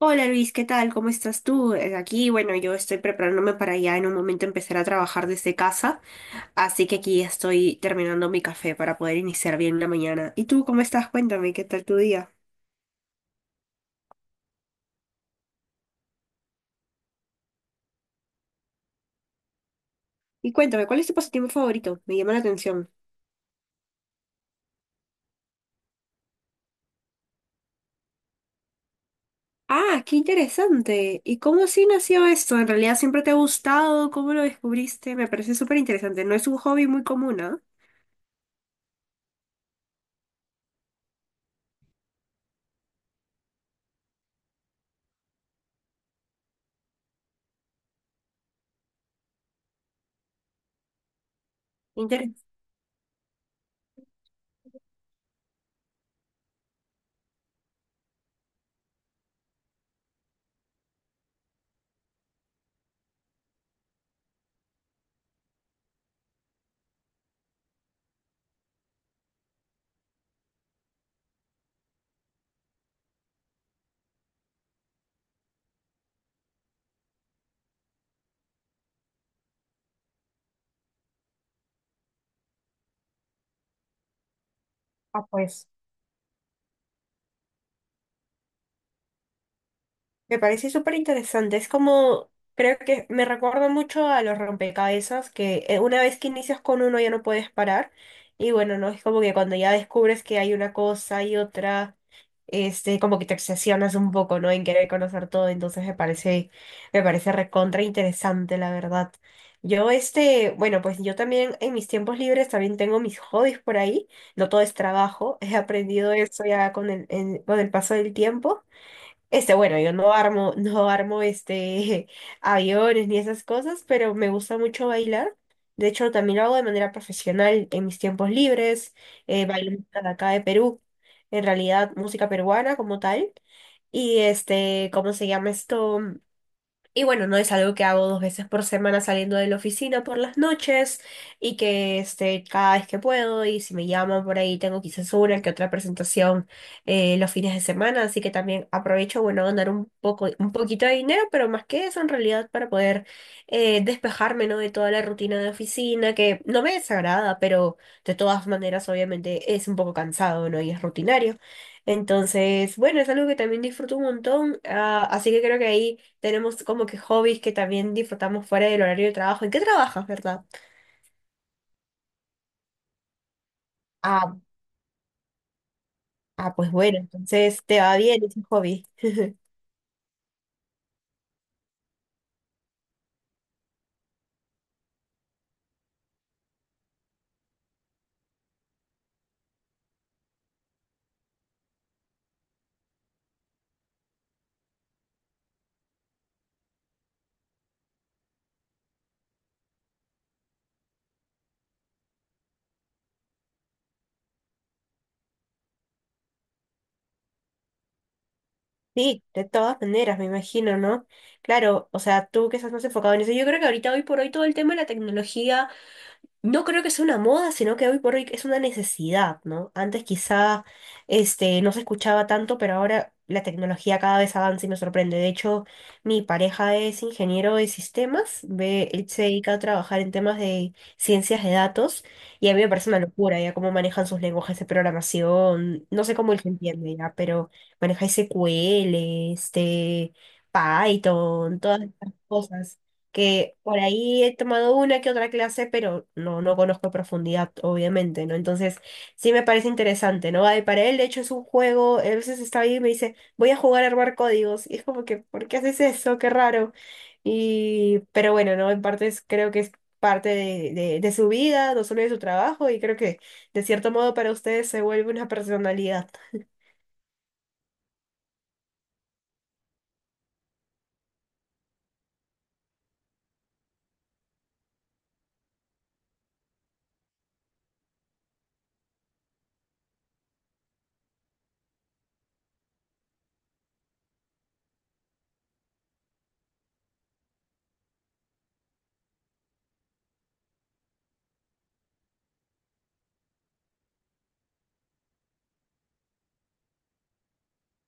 Hola Luis, ¿qué tal? ¿Cómo estás tú? Bueno, yo estoy preparándome para ya en un momento empezar a trabajar desde casa, así que aquí estoy terminando mi café para poder iniciar bien la mañana. ¿Y tú cómo estás? Cuéntame, ¿qué tal tu día? Y cuéntame, ¿cuál es tu pasatiempo favorito? Me llama la atención. Ah, qué interesante. ¿Y cómo así nació esto? ¿En realidad siempre te ha gustado? ¿Cómo lo descubriste? Me parece súper interesante. No es un hobby muy común, ¿ah? Interesante. Me parece súper interesante. Creo que me recuerda mucho a los rompecabezas, que una vez que inicias con uno ya no puedes parar. Y bueno, no es como que cuando ya descubres que hay una cosa y otra, como que te obsesionas un poco, ¿no? En querer conocer todo. Entonces me parece recontra interesante, la verdad. Bueno, pues yo también en mis tiempos libres también tengo mis hobbies por ahí. No todo es trabajo. He aprendido eso ya con con el paso del tiempo. Bueno, yo no armo este aviones ni esas cosas, pero me gusta mucho bailar. De hecho, también lo hago de manera profesional en mis tiempos libres. Bailo música de acá de Perú, en realidad música peruana como tal. Y este, ¿cómo se llama esto? Y bueno, no es algo que hago dos veces por semana saliendo de la oficina por las noches y que este, cada vez que puedo y si me llaman por ahí tengo quizás una que otra presentación los fines de semana, así que también aprovecho, bueno, ganar un poquito de dinero, pero más que eso en realidad para poder despejarme, ¿no?, de toda la rutina de oficina que no me desagrada, pero de todas maneras obviamente es un poco cansado, ¿no?, y es rutinario. Entonces, bueno, es algo que también disfruto un montón, ah, así que creo que ahí tenemos como que hobbies que también disfrutamos fuera del horario de trabajo. ¿En qué trabajas, verdad? Ah, ah, pues bueno, entonces te va bien ese hobby. Sí, de todas maneras, me imagino, ¿no? Claro, o sea, tú que estás más enfocado en eso. Yo creo que ahorita, hoy por hoy, todo el tema de la tecnología, no creo que sea una moda, sino que hoy por hoy es una necesidad, ¿no? Antes quizá no se escuchaba tanto, pero ahora la tecnología cada vez avanza y me sorprende. De hecho, mi pareja es ingeniero de sistemas, ve, él se dedica a trabajar en temas de ciencias de datos y a mí me parece una locura ya cómo manejan sus lenguajes de programación. No sé cómo él se entiende ya, pero maneja SQL, Python, todas estas cosas que por ahí he tomado una que otra clase, pero no, no conozco a profundidad, obviamente, ¿no? Entonces, sí me parece interesante, ¿no? Ay, para él, de hecho, es un juego, a veces está ahí y me dice, voy a jugar a armar códigos, y es como que, ¿por qué haces eso? Qué raro. Y, pero bueno, ¿no? Creo que es parte de, de su vida, no solo de su trabajo, y creo que, de cierto modo, para ustedes se vuelve una personalidad.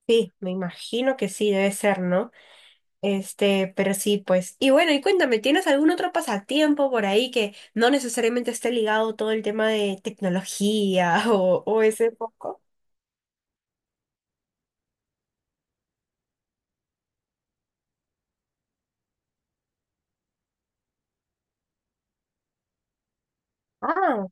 Sí, me imagino que sí, debe ser, ¿no? Pero sí, pues. Y bueno, y cuéntame, ¿tienes algún otro pasatiempo por ahí que no necesariamente esté ligado todo el tema de tecnología o ese poco? Ah,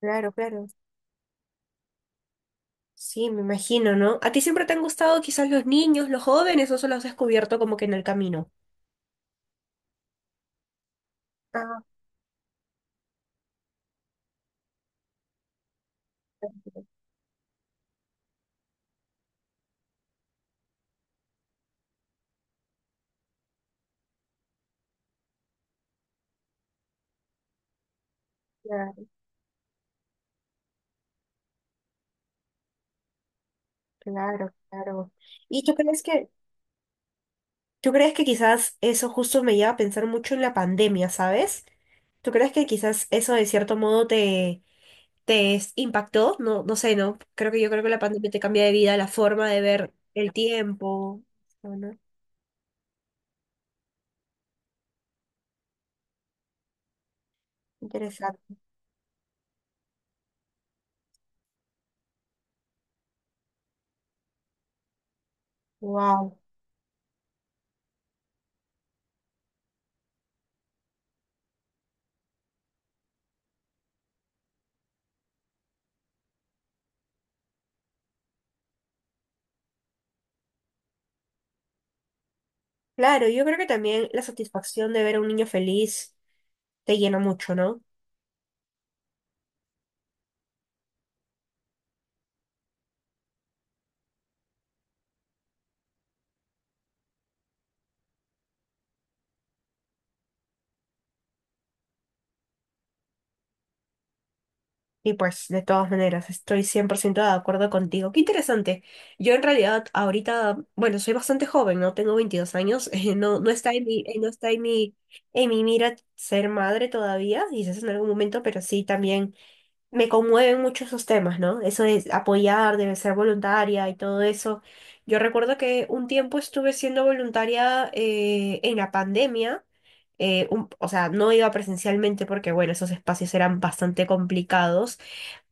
claro, claro. Sí, me imagino, ¿no? ¿A ti siempre te han gustado quizás los niños, los jóvenes, o solo has descubierto como que en el camino? Ah, perfecto, claro, claro, claro. ¿Y tú crees que, ¿Tú crees que quizás eso justo me lleva a pensar mucho en la pandemia, ¿sabes? ¿Tú crees que quizás eso de cierto modo te impactó? No, no sé, ¿no? Creo que Yo creo que la pandemia te cambia de vida, la forma de ver el tiempo. Bueno, interesante. Wow. Claro, yo creo que también la satisfacción de ver a un niño feliz te llena mucho, ¿no? Y pues, de todas maneras, estoy 100% de acuerdo contigo. Qué interesante. Yo en realidad ahorita, bueno, soy bastante joven, ¿no? Tengo 22 años. No está en mi en mi mira ser madre todavía, quizás en algún momento, pero sí también me conmueven mucho esos temas, ¿no? Eso de apoyar, de ser voluntaria y todo eso. Yo recuerdo que un tiempo estuve siendo voluntaria en la pandemia, o sea, no iba presencialmente porque, bueno, esos espacios eran bastante complicados,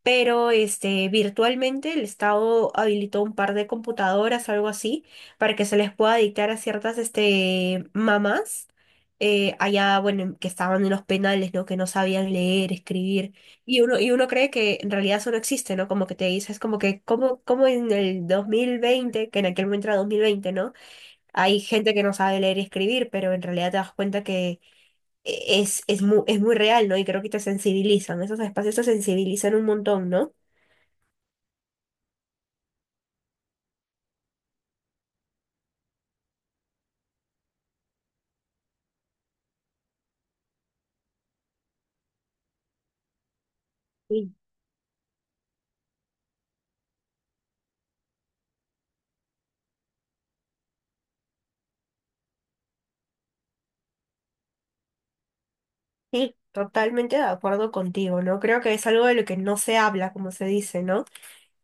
pero virtualmente el Estado habilitó un par de computadoras, algo así, para que se les pueda dictar a ciertas mamás allá, bueno, que estaban en los penales, ¿no?, que no sabían leer, escribir. Y uno cree que en realidad eso no existe, ¿no? Como que te dices, como en el 2020, que en aquel momento era 2020, ¿no? Hay gente que no sabe leer y escribir, pero en realidad te das cuenta que es muy real, ¿no? Y creo que te sensibilizan, esos espacios te sensibilizan un montón, ¿no? Sí, sí, totalmente de acuerdo contigo, ¿no? Creo que es algo de lo que no se habla, como se dice, ¿no?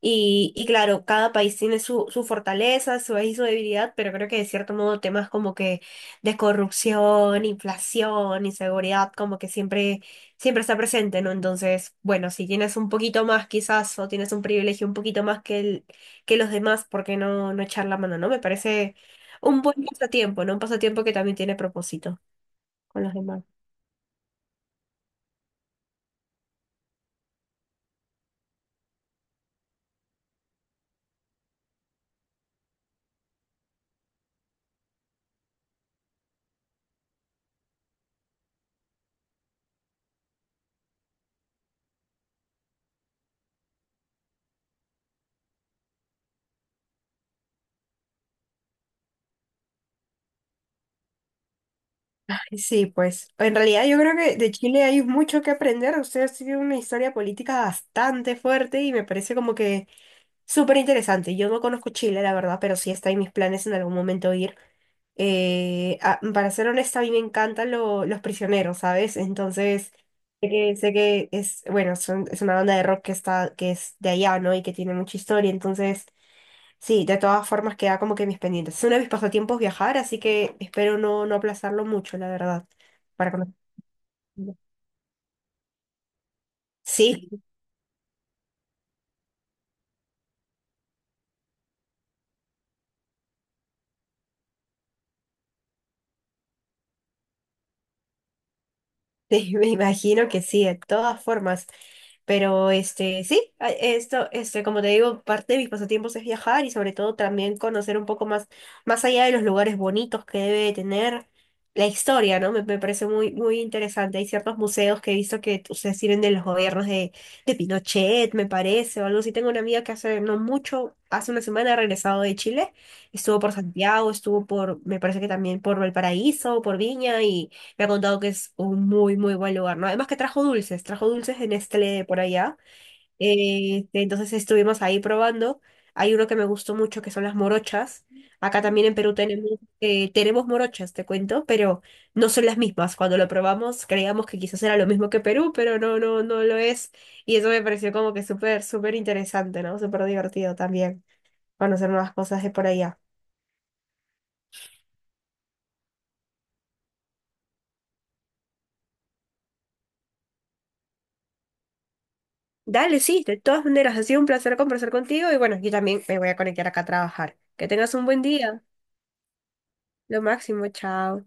Y claro, cada país tiene su, su fortaleza, su, ahí su debilidad, pero creo que de cierto modo temas como que de corrupción, inflación, inseguridad, como que siempre, siempre está presente, ¿no? Entonces, bueno, si tienes un poquito más quizás, o tienes un privilegio un poquito más que que los demás, ¿por qué no, no echar la mano, ¿no? Me parece un buen pasatiempo, ¿no? Un pasatiempo que también tiene propósito con los demás. Ay, sí, pues en realidad yo creo que de Chile hay mucho que aprender. Usted ha sido una historia política bastante fuerte y me parece como que súper interesante. Yo no conozco Chile, la verdad, pero sí está en mis planes en algún momento ir. Para ser honesta, a mí me encantan los prisioneros, ¿sabes? Entonces, sé que es, bueno, es una banda de rock que está, que es de allá, ¿no? Y que tiene mucha historia. Entonces, sí, de todas formas queda como que mis pendientes. Es uno de mis pasatiempos viajar, así que espero no, no aplazarlo mucho, la verdad. Para conocer. Sí, Sí, me imagino que sí, de todas formas. Pero como te digo, parte de mis pasatiempos es viajar y sobre todo también conocer un poco más, más allá de los lugares bonitos que debe tener la historia, ¿no? Me parece muy, muy interesante. Hay ciertos museos que he visto que ustedes sirven de los gobiernos de Pinochet, me parece, o algo así. Tengo una amiga que hace no mucho, hace una semana ha regresado de Chile, estuvo por Santiago, estuvo por, me parece que también por Valparaíso, por Viña. Me ha contado que es un muy, muy buen lugar, ¿no? Además que trajo dulces de Nestlé por allá. Entonces estuvimos ahí probando. Hay uno que me gustó mucho, que son las morochas. Acá también en Perú tenemos, tenemos morochas, te cuento, pero no son las mismas. Cuando lo probamos creíamos que quizás era lo mismo que Perú, pero no, no, no lo es. Y eso me pareció como que súper, súper interesante, ¿no? Súper divertido también conocer nuevas cosas de por allá. Dale, sí, de todas maneras, ha sido un placer conversar contigo y bueno, yo también me voy a conectar acá a trabajar. Que tengas un buen día. Lo máximo, chao.